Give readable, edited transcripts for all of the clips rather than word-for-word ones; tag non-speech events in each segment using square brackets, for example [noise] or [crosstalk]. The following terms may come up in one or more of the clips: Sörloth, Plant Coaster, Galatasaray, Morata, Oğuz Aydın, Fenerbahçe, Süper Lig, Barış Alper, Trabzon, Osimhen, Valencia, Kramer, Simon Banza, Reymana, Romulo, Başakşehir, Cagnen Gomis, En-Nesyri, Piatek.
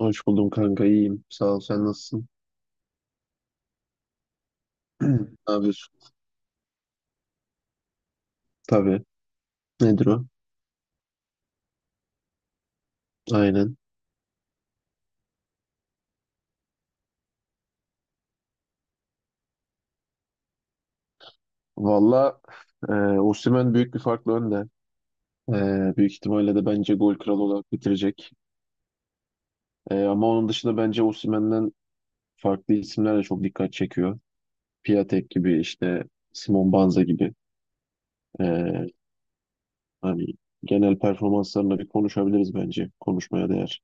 Hoş buldum kanka, iyiyim. Sağ ol, sen nasılsın? [clears throat] Ne yapıyorsun? Tabii. Nedir o? Aynen. Valla, e, Osimhen büyük bir farkla önde. Büyük ihtimalle de bence gol kralı olarak bitirecek. Ama onun dışında bence Osimhen'den farklı isimler de çok dikkat çekiyor. Piatek gibi işte, Simon Banza gibi. E, Hani genel performanslarına bir konuşabiliriz bence. Konuşmaya değer.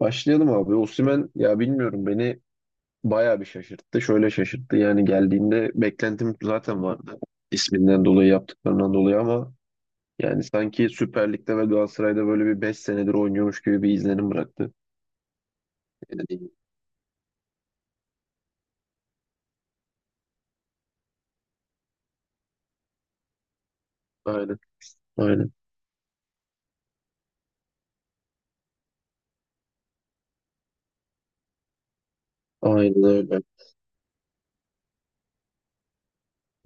Başlayalım abi. Osimhen, ya bilmiyorum, beni bayağı bir şaşırttı. Şöyle şaşırttı. Yani geldiğinde beklentim zaten vardı. İsminden dolayı, yaptıklarından dolayı, ama yani sanki Süper Lig'de ve Galatasaray'da böyle bir 5 senedir oynuyormuş gibi bir izlenim bıraktı. Yani, aynen, aynen. Aynen öyle.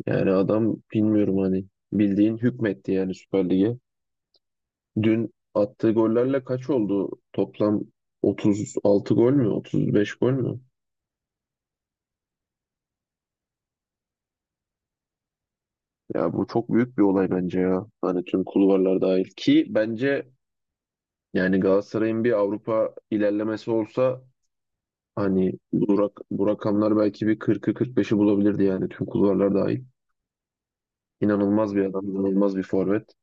Yani adam, bilmiyorum, hani bildiğin hükmetti yani Süper Lig'e. Dün attığı gollerle kaç oldu? Toplam 36 gol mü? 35 gol mü? Ya bu çok büyük bir olay bence ya. Hani tüm kulvarlar dahil ki bence yani Galatasaray'ın bir Avrupa ilerlemesi olsa, hani bu rakamlar belki bir 40'ı, 45'i bulabilirdi yani tüm kulvarlar dahil. İnanılmaz bir adam, inanılmaz bir forvet.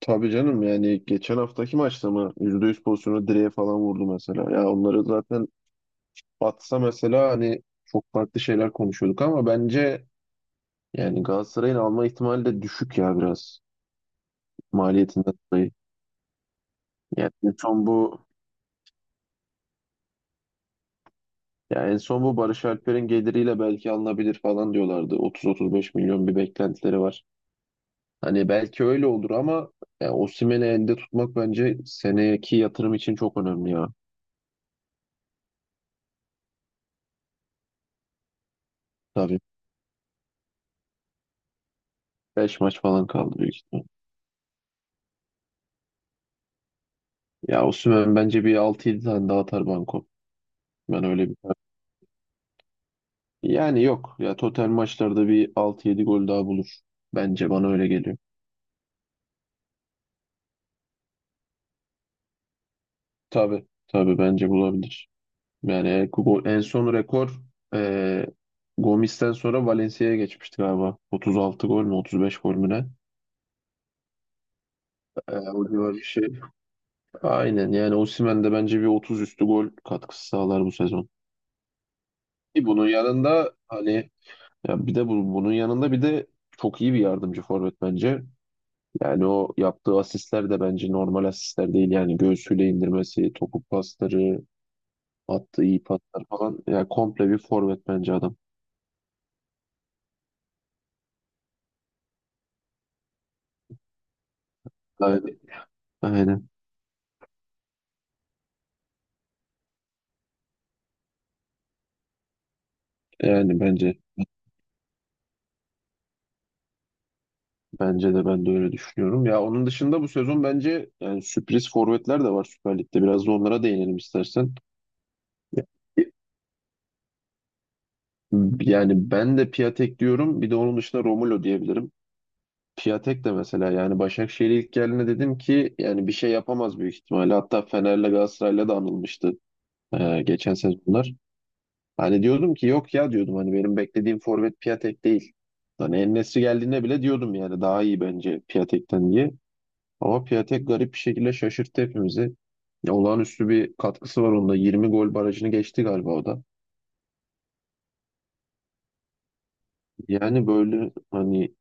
Tabii canım, yani geçen haftaki maçta mı %100 pozisyonu direğe falan vurdu mesela. Ya onları zaten atsa mesela, hani çok farklı şeyler konuşuyorduk ama bence yani Galatasaray'ın alma ihtimali de düşük ya, biraz maliyetinden dolayı. Yani en son bu Ya en son bu Barış Alper'in geliriyle belki alınabilir falan diyorlardı. 30-35 milyon bir beklentileri var. Hani belki öyle olur ama, ya Osimhen'i elde tutmak bence seneki yatırım için çok önemli ya. Tabii, 5 maç falan kaldı büyük ihtimal. Ya Osimhen bence bir altı yedi tane daha atar banko. Ben öyle bir Yani yok ya, total maçlarda bir altı yedi gol daha bulur. Bence bana öyle geliyor. Tabii tabii, bence bulabilir. Yani en son rekor e, Gomis'ten sonra Valencia'ya geçmişti galiba. 36 gol mü, 35 gol mü ne? O civar bir şey. Aynen, yani Osimhen de bence bir 30 üstü gol katkısı sağlar bu sezon. Bir bunun yanında hani, ya bir de bunun yanında bir de çok iyi bir yardımcı forvet bence. Yani o yaptığı asistler de bence normal asistler değil. Yani göğsüyle indirmesi, topu pasları, attığı iyi paslar falan. Yani komple bir forvet bence adam. Aynen. Aynen. Yani bence. Bence de, ben de öyle düşünüyorum. Ya onun dışında bu sezon bence yani sürpriz forvetler de var Süper Lig'de. Biraz da onlara değinelim istersen. Yani ben de Piatek diyorum. Bir de onun dışında Romulo diyebilirim. Piatek de mesela, yani Başakşehir'e ilk geldiğinde dedim ki yani bir şey yapamaz büyük ihtimalle. Hatta Fener'le, Galatasaray'la da anılmıştı geçen sezonlar. Hani diyordum ki yok ya, diyordum hani benim beklediğim forvet Piatek değil. Hani En-Nesyri geldiğinde bile diyordum yani daha iyi bence Piatek'ten diye. Ama Piatek garip bir şekilde şaşırttı hepimizi. Ya olağanüstü bir katkısı var onda. 20 gol barajını geçti galiba o da. Yani böyle hani,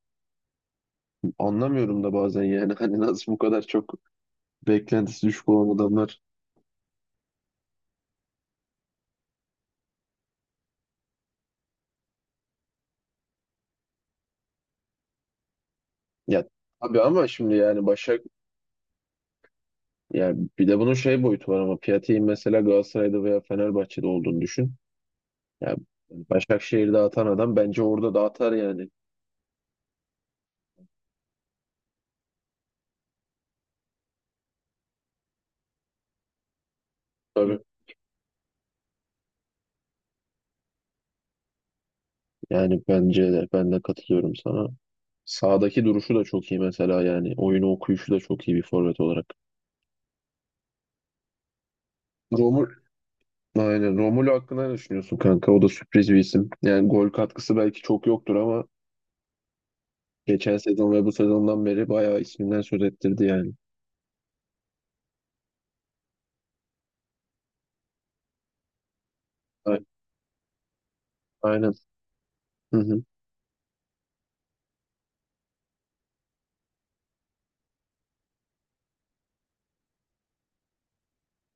anlamıyorum da bazen yani [laughs] hani nasıl bu kadar çok beklentisi düşük olan adamlar. Ya abi, ama şimdi yani ya, bir de bunun şey boyutu var ama Piatek'in mesela Galatasaray'da veya Fenerbahçe'de olduğunu düşün. Ya Başakşehir'de atan adam bence orada da atar yani. Tabii. Yani bence de, ben de katılıyorum sana. Sağdaki duruşu da çok iyi mesela yani. Oyunu okuyuşu da çok iyi bir forvet olarak. Romu Aynen. Romulo hakkında ne düşünüyorsun kanka? O da sürpriz bir isim. Yani gol katkısı belki çok yoktur ama geçen sezon ve bu sezondan beri bayağı isminden söz ettirdi yani. A- Aynen. Hı hı.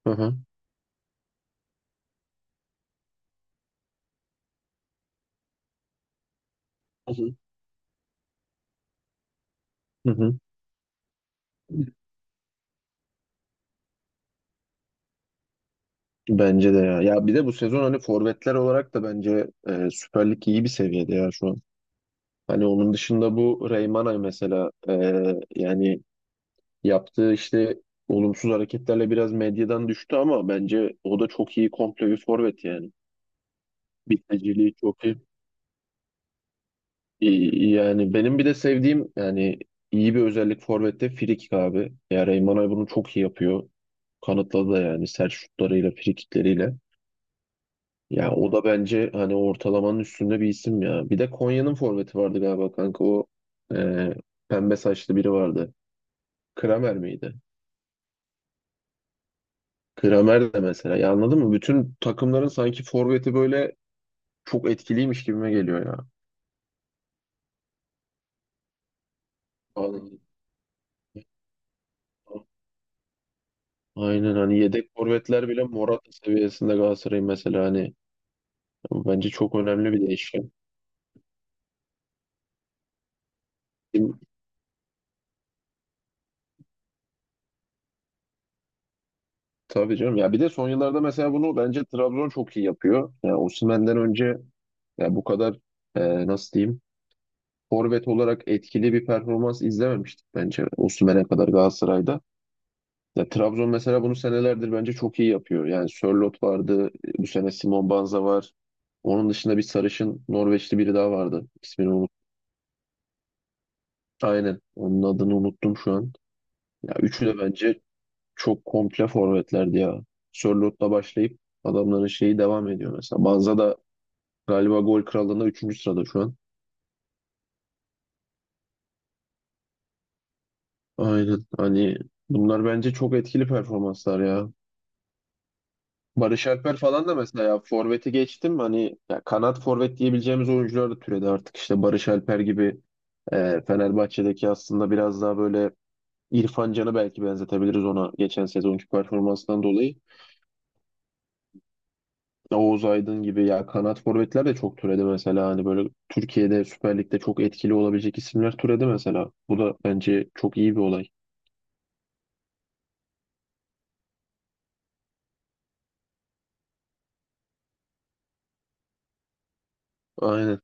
Hı hı. Hı hı. Hı hı. Bence de ya. Ya bir de bu sezon hani forvetler olarak da bence Süper Lig iyi bir seviyede ya şu an. Hani onun dışında bu Reymana mesela, yani yaptığı işte olumsuz hareketlerle biraz medyadan düştü ama bence o da çok iyi komple bir forvet yani. Bitiriciliği çok iyi. Yani benim bir de sevdiğim yani iyi bir özellik forvette, frikik abi. Ya Reymana bunu çok iyi yapıyor. Kanıtladı da yani sert şutlarıyla, frikikleriyle. Ya o da bence hani ortalamanın üstünde bir isim ya. Bir de Konya'nın forveti vardı galiba kanka, o e, pembe saçlı biri vardı. Kramer miydi? Kramer de mesela. Ya anladın mı? Bütün takımların sanki forveti böyle çok etkiliymiş gibime geliyor ya. Anladım. Aynen, hani yedek forvetler bile Morata seviyesinde Galatasaray'ın mesela, hani bu bence çok önemli bir değişken. Bizim- Tabii canım. Ya bir de son yıllarda mesela bunu bence Trabzon çok iyi yapıyor. Yani Osimhen'den önce ya bu kadar nasıl diyeyim, forvet olarak etkili bir performans izlememiştik bence Osimhen'e kadar Galatasaray'da. Ya Trabzon mesela bunu senelerdir bence çok iyi yapıyor. Yani Sörloth vardı, bu sene Simon Banza var. Onun dışında bir sarışın Norveçli biri daha vardı. İsmini unuttum. Aynen. Onun adını unuttum şu an. Ya üçü de bence çok komple forvetlerdi ya. Sörloth'la başlayıp adamların şeyi devam ediyor mesela. Banza da galiba gol krallığında üçüncü sırada şu an. Aynen. Hani bunlar bence çok etkili performanslar ya. Barış Alper falan da mesela, ya forveti geçtim hani, ya kanat forvet diyebileceğimiz oyuncular da türedi artık işte Barış Alper gibi, Fenerbahçe'deki aslında biraz daha böyle İrfan Can'ı belki benzetebiliriz ona, geçen sezonki performansından dolayı. Oğuz Aydın gibi ya kanat forvetler de çok türedi mesela, hani böyle Türkiye'de Süper Lig'de çok etkili olabilecek isimler türedi mesela. Bu da bence çok iyi bir olay. Aynen,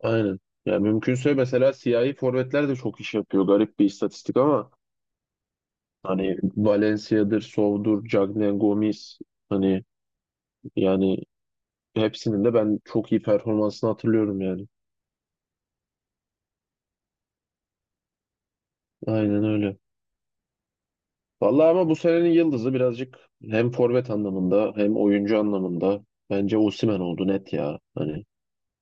aynen. Ya mümkünse mesela siyahi forvetler de çok iş yapıyor. Garip bir istatistik ama hani Valencia'dır, Sow'dur, Cagnen Gomis, hani yani hepsinin de ben çok iyi performansını hatırlıyorum yani. Aynen öyle. Vallahi, ama bu senenin yıldızı birazcık hem forvet anlamında hem oyuncu anlamında bence Osimhen oldu, net ya. Hani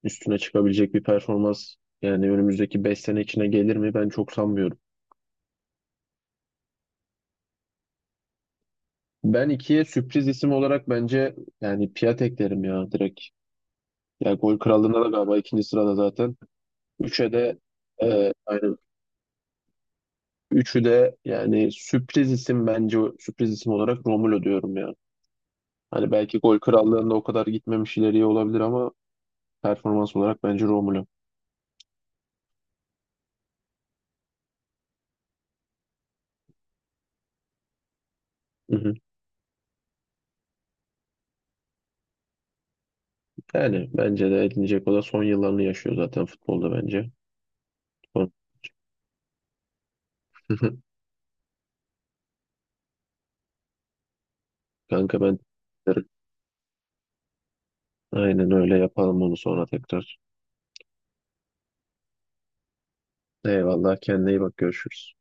üstüne çıkabilecek bir performans, yani önümüzdeki 5 sene içine gelir mi, ben çok sanmıyorum. Ben ikiye sürpriz isim olarak bence yani Piatek derim ya direkt. Ya gol krallığında da galiba ikinci sırada zaten. Üçe de aynen. Üçü de yani sürpriz isim, bence sürpriz isim olarak Romulo diyorum ya. Hani belki gol krallığında o kadar gitmemiş ileriye olabilir ama performans olarak bence Romulo. Hı hı. Yani bence de edinecek, o da son yıllarını yaşıyor zaten futbolda bence. Son- [laughs] Kanka, ben aynen öyle yapalım bunu sonra tekrar. Eyvallah, kendine iyi bak, görüşürüz.